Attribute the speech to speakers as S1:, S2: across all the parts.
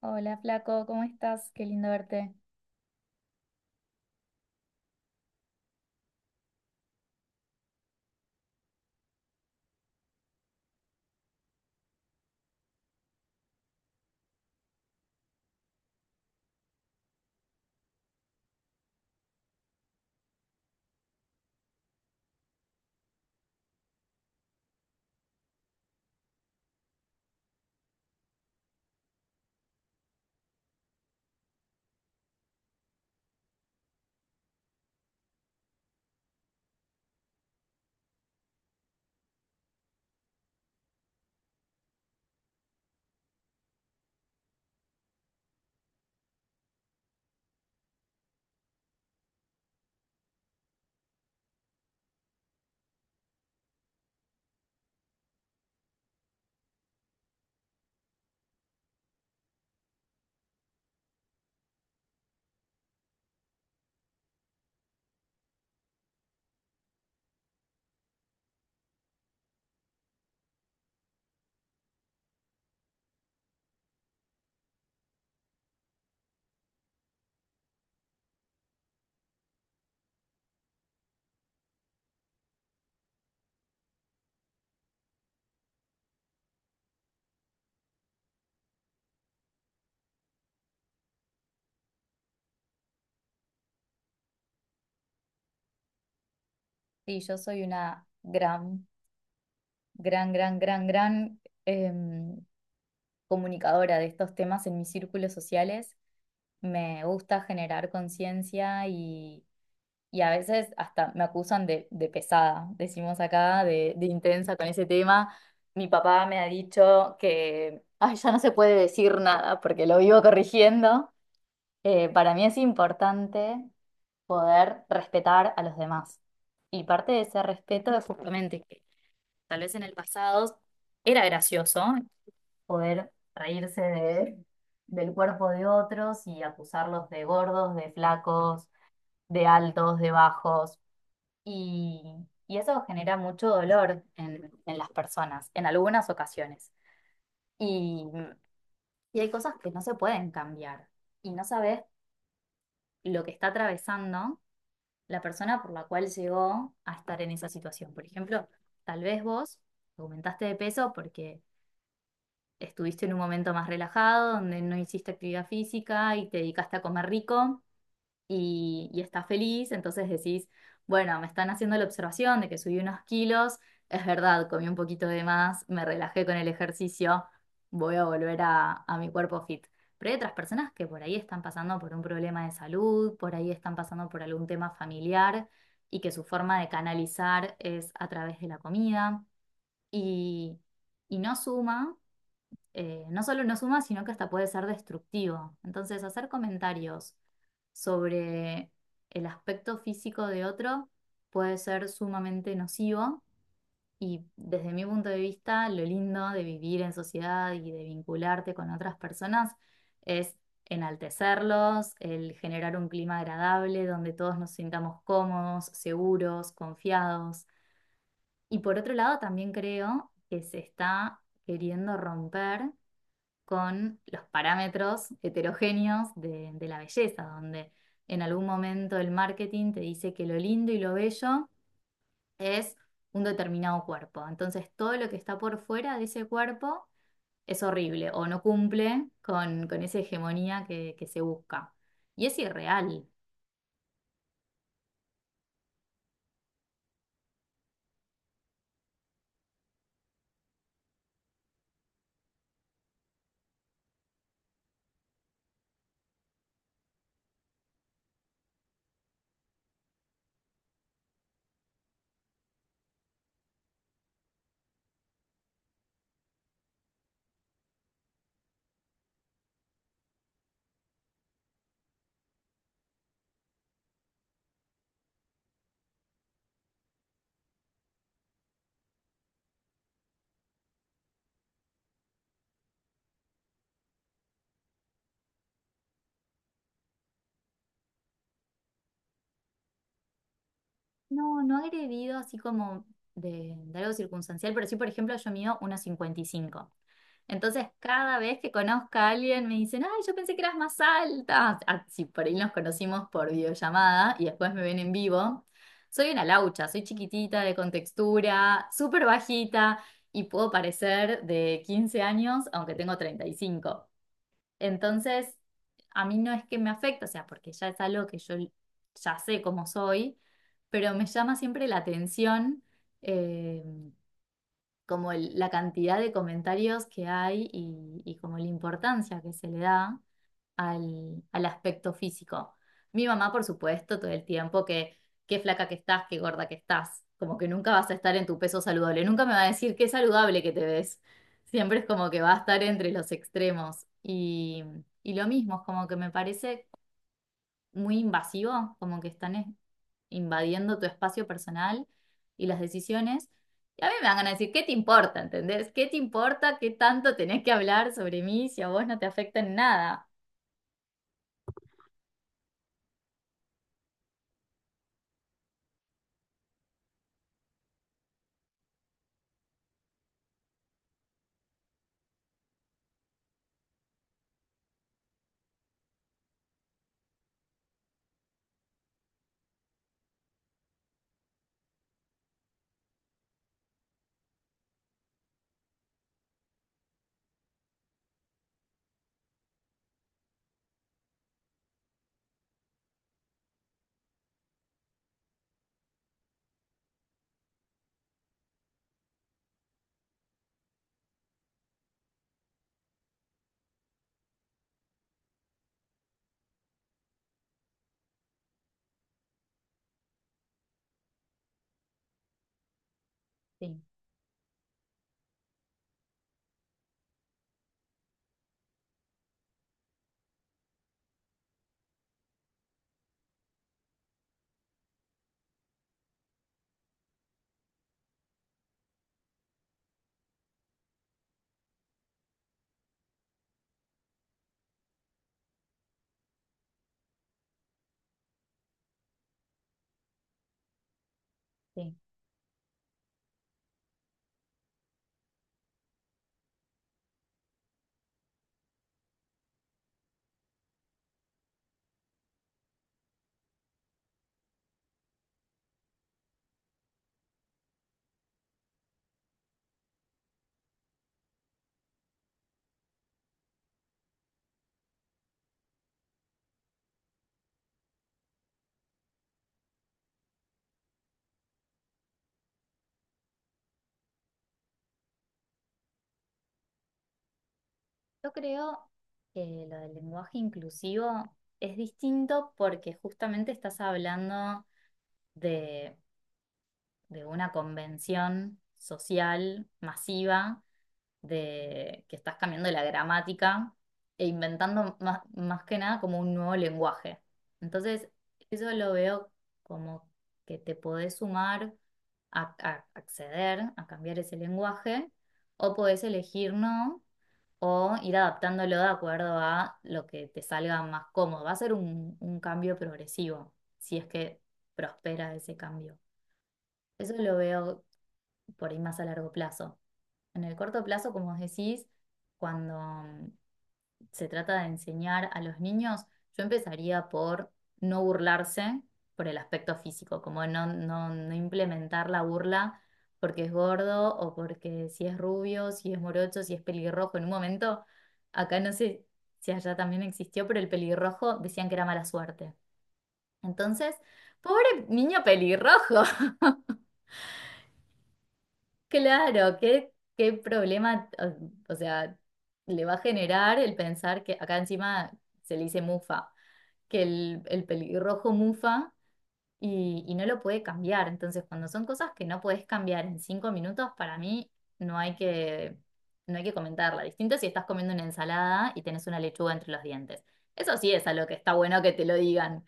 S1: Hola, flaco, ¿cómo estás? Qué lindo verte. Sí, yo soy una gran, gran, gran, gran, gran comunicadora de estos temas en mis círculos sociales. Me gusta generar conciencia y a veces hasta me acusan de pesada, decimos acá, de intensa con ese tema. Mi papá me ha dicho que, ay, ya no se puede decir nada porque lo vivo corrigiendo. Para mí es importante poder respetar a los demás. Y parte de ese respeto es justamente que tal vez en el pasado era gracioso poder reírse del cuerpo de otros y acusarlos de gordos, de flacos, de altos, de bajos. Y, y eso genera mucho dolor en las personas, en algunas ocasiones. Y, y hay cosas que no se pueden cambiar. Y no sabes lo que está atravesando la persona por la cual llegó a estar en esa situación. Por ejemplo, tal vez vos aumentaste de peso porque estuviste en un momento más relajado, donde no hiciste actividad física y te dedicaste a comer rico y estás feliz, entonces decís, bueno, me están haciendo la observación de que subí unos kilos, es verdad, comí un poquito de más, me relajé con el ejercicio, voy a volver a mi cuerpo fit. Pero hay otras personas que por ahí están pasando por un problema de salud, por ahí están pasando por algún tema familiar y que su forma de canalizar es a través de la comida y, y no suma no solo no suma, sino que hasta puede ser destructivo. Entonces, hacer comentarios sobre el aspecto físico de otro puede ser sumamente nocivo y desde mi punto de vista, lo lindo de vivir en sociedad y de vincularte con otras personas es enaltecerlos, el generar un clima agradable donde todos nos sintamos cómodos, seguros, confiados. Y por otro lado, también creo que se está queriendo romper con los parámetros heterogéneos de la belleza, donde en algún momento el marketing te dice que lo lindo y lo bello es un determinado cuerpo. Entonces todo lo que está por fuera de ese cuerpo es horrible o no cumple con esa hegemonía que se busca. Y es irreal. No, no agredido así como de algo circunstancial, pero sí, por ejemplo, yo mido 1,55. Entonces, cada vez que conozco a alguien me dicen, ay, yo pensé que eras más alta. Ah, si por ahí nos conocimos por videollamada y después me ven en vivo, soy una laucha, soy chiquitita, de contextura, súper bajita y puedo parecer de 15 años, aunque tengo 35. Entonces, a mí no es que me afecte, o sea, porque ya es algo que yo ya sé cómo soy, pero me llama siempre la atención eh, como la cantidad de comentarios que hay y como la importancia que se le da al aspecto físico. Mi mamá, por supuesto, todo el tiempo que qué flaca que estás, qué gorda que estás, como que nunca vas a estar en tu peso saludable, nunca me va a decir qué saludable que te ves. Siempre es como que va a estar entre los extremos. Y lo mismo, es como que me parece muy invasivo, como que están invadiendo tu espacio personal y las decisiones. Y a mí me van a decir, ¿qué te importa? ¿Entendés? ¿Qué te importa? ¿Qué tanto tenés que hablar sobre mí si a vos no te afecta en nada? Sí, sí. Yo creo que lo del lenguaje inclusivo es distinto porque justamente estás hablando de, de una convención social masiva de que estás cambiando la gramática e inventando más que nada como un nuevo lenguaje. Entonces, eso lo veo como que te podés sumar a acceder a cambiar ese lenguaje o podés elegir no o ir adaptándolo de acuerdo a lo que te salga más cómodo. Va a ser un cambio progresivo, si es que prospera ese cambio. Eso lo veo por ahí más a largo plazo. En el corto plazo, como os decís, cuando se trata de enseñar a los niños, yo empezaría por no burlarse por el aspecto físico, como no, no, no implementar la burla porque es gordo o porque si es rubio, si es morocho, si es pelirrojo. En un momento, acá no sé si allá también existió, pero el pelirrojo decían que era mala suerte. Entonces, pobre niño pelirrojo, claro, qué problema, o sea, le va a generar el pensar que acá encima se le dice mufa que el pelirrojo mufa y no lo puede cambiar. Entonces, cuando son cosas que no puedes cambiar en 5 minutos, para mí no hay que, no hay que comentarla. Distinto si estás comiendo una ensalada y tenés una lechuga entre los dientes. Eso sí es a lo que está bueno que te lo digan,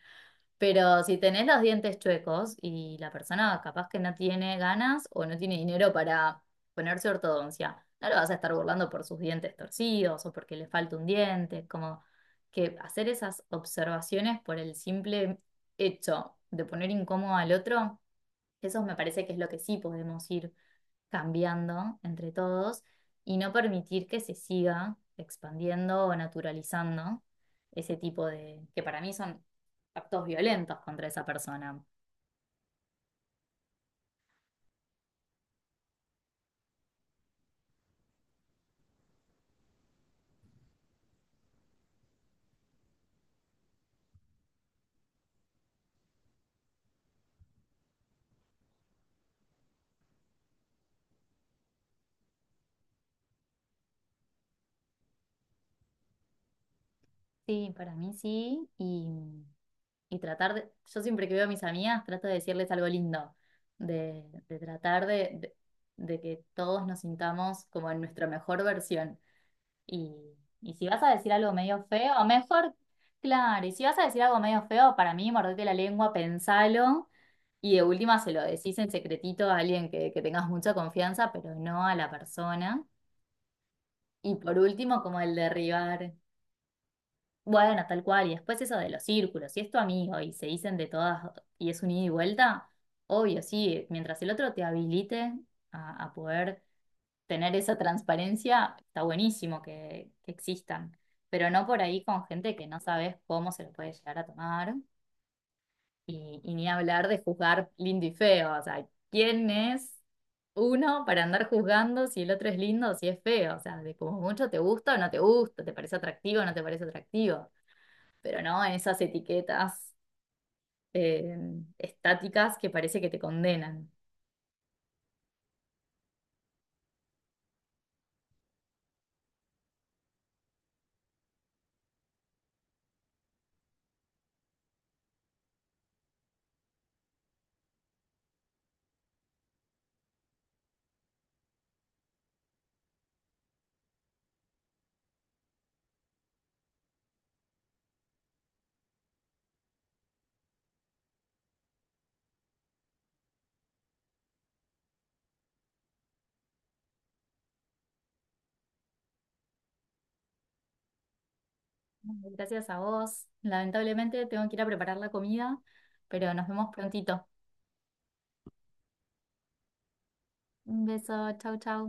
S1: pero si tenés los dientes chuecos y la persona capaz que no tiene ganas o no tiene dinero para ponerse ortodoncia, no lo vas a estar burlando por sus dientes torcidos o porque le falta un diente, como que hacer esas observaciones por el simple hecho de poner incómodo al otro, eso me parece que es lo que sí podemos ir cambiando entre todos y no permitir que se siga expandiendo o naturalizando ese tipo de, que para mí son actos violentos contra esa persona. Sí, para mí sí, y tratar de, yo siempre que veo a mis amigas trato de decirles algo lindo, de tratar de de que todos nos sintamos como en nuestra mejor versión. Y, y si vas a decir algo medio feo, mejor, claro, y si vas a decir algo medio feo, para mí, mordete la lengua, pensalo, y de última se lo decís en secretito a alguien que tengas mucha confianza, pero no a la persona. Y por último, como el derribar, bueno, tal cual, y después eso de los círculos, si es tu amigo y se dicen de todas y es un ida y vuelta, obvio, sí, mientras el otro te habilite a poder tener esa transparencia está buenísimo que existan, pero no por ahí con gente que no sabes cómo se lo puede llegar a tomar y ni hablar de juzgar lindo y feo, o sea, ¿quién es uno para andar juzgando si el otro es lindo o si es feo? O sea, de como mucho te gusta o no te gusta, te parece atractivo o no te parece atractivo, pero no en esas etiquetas eh, estáticas que parece que te condenan. Gracias a vos. Lamentablemente tengo que ir a preparar la comida, pero nos vemos prontito. Un beso, chau, chau.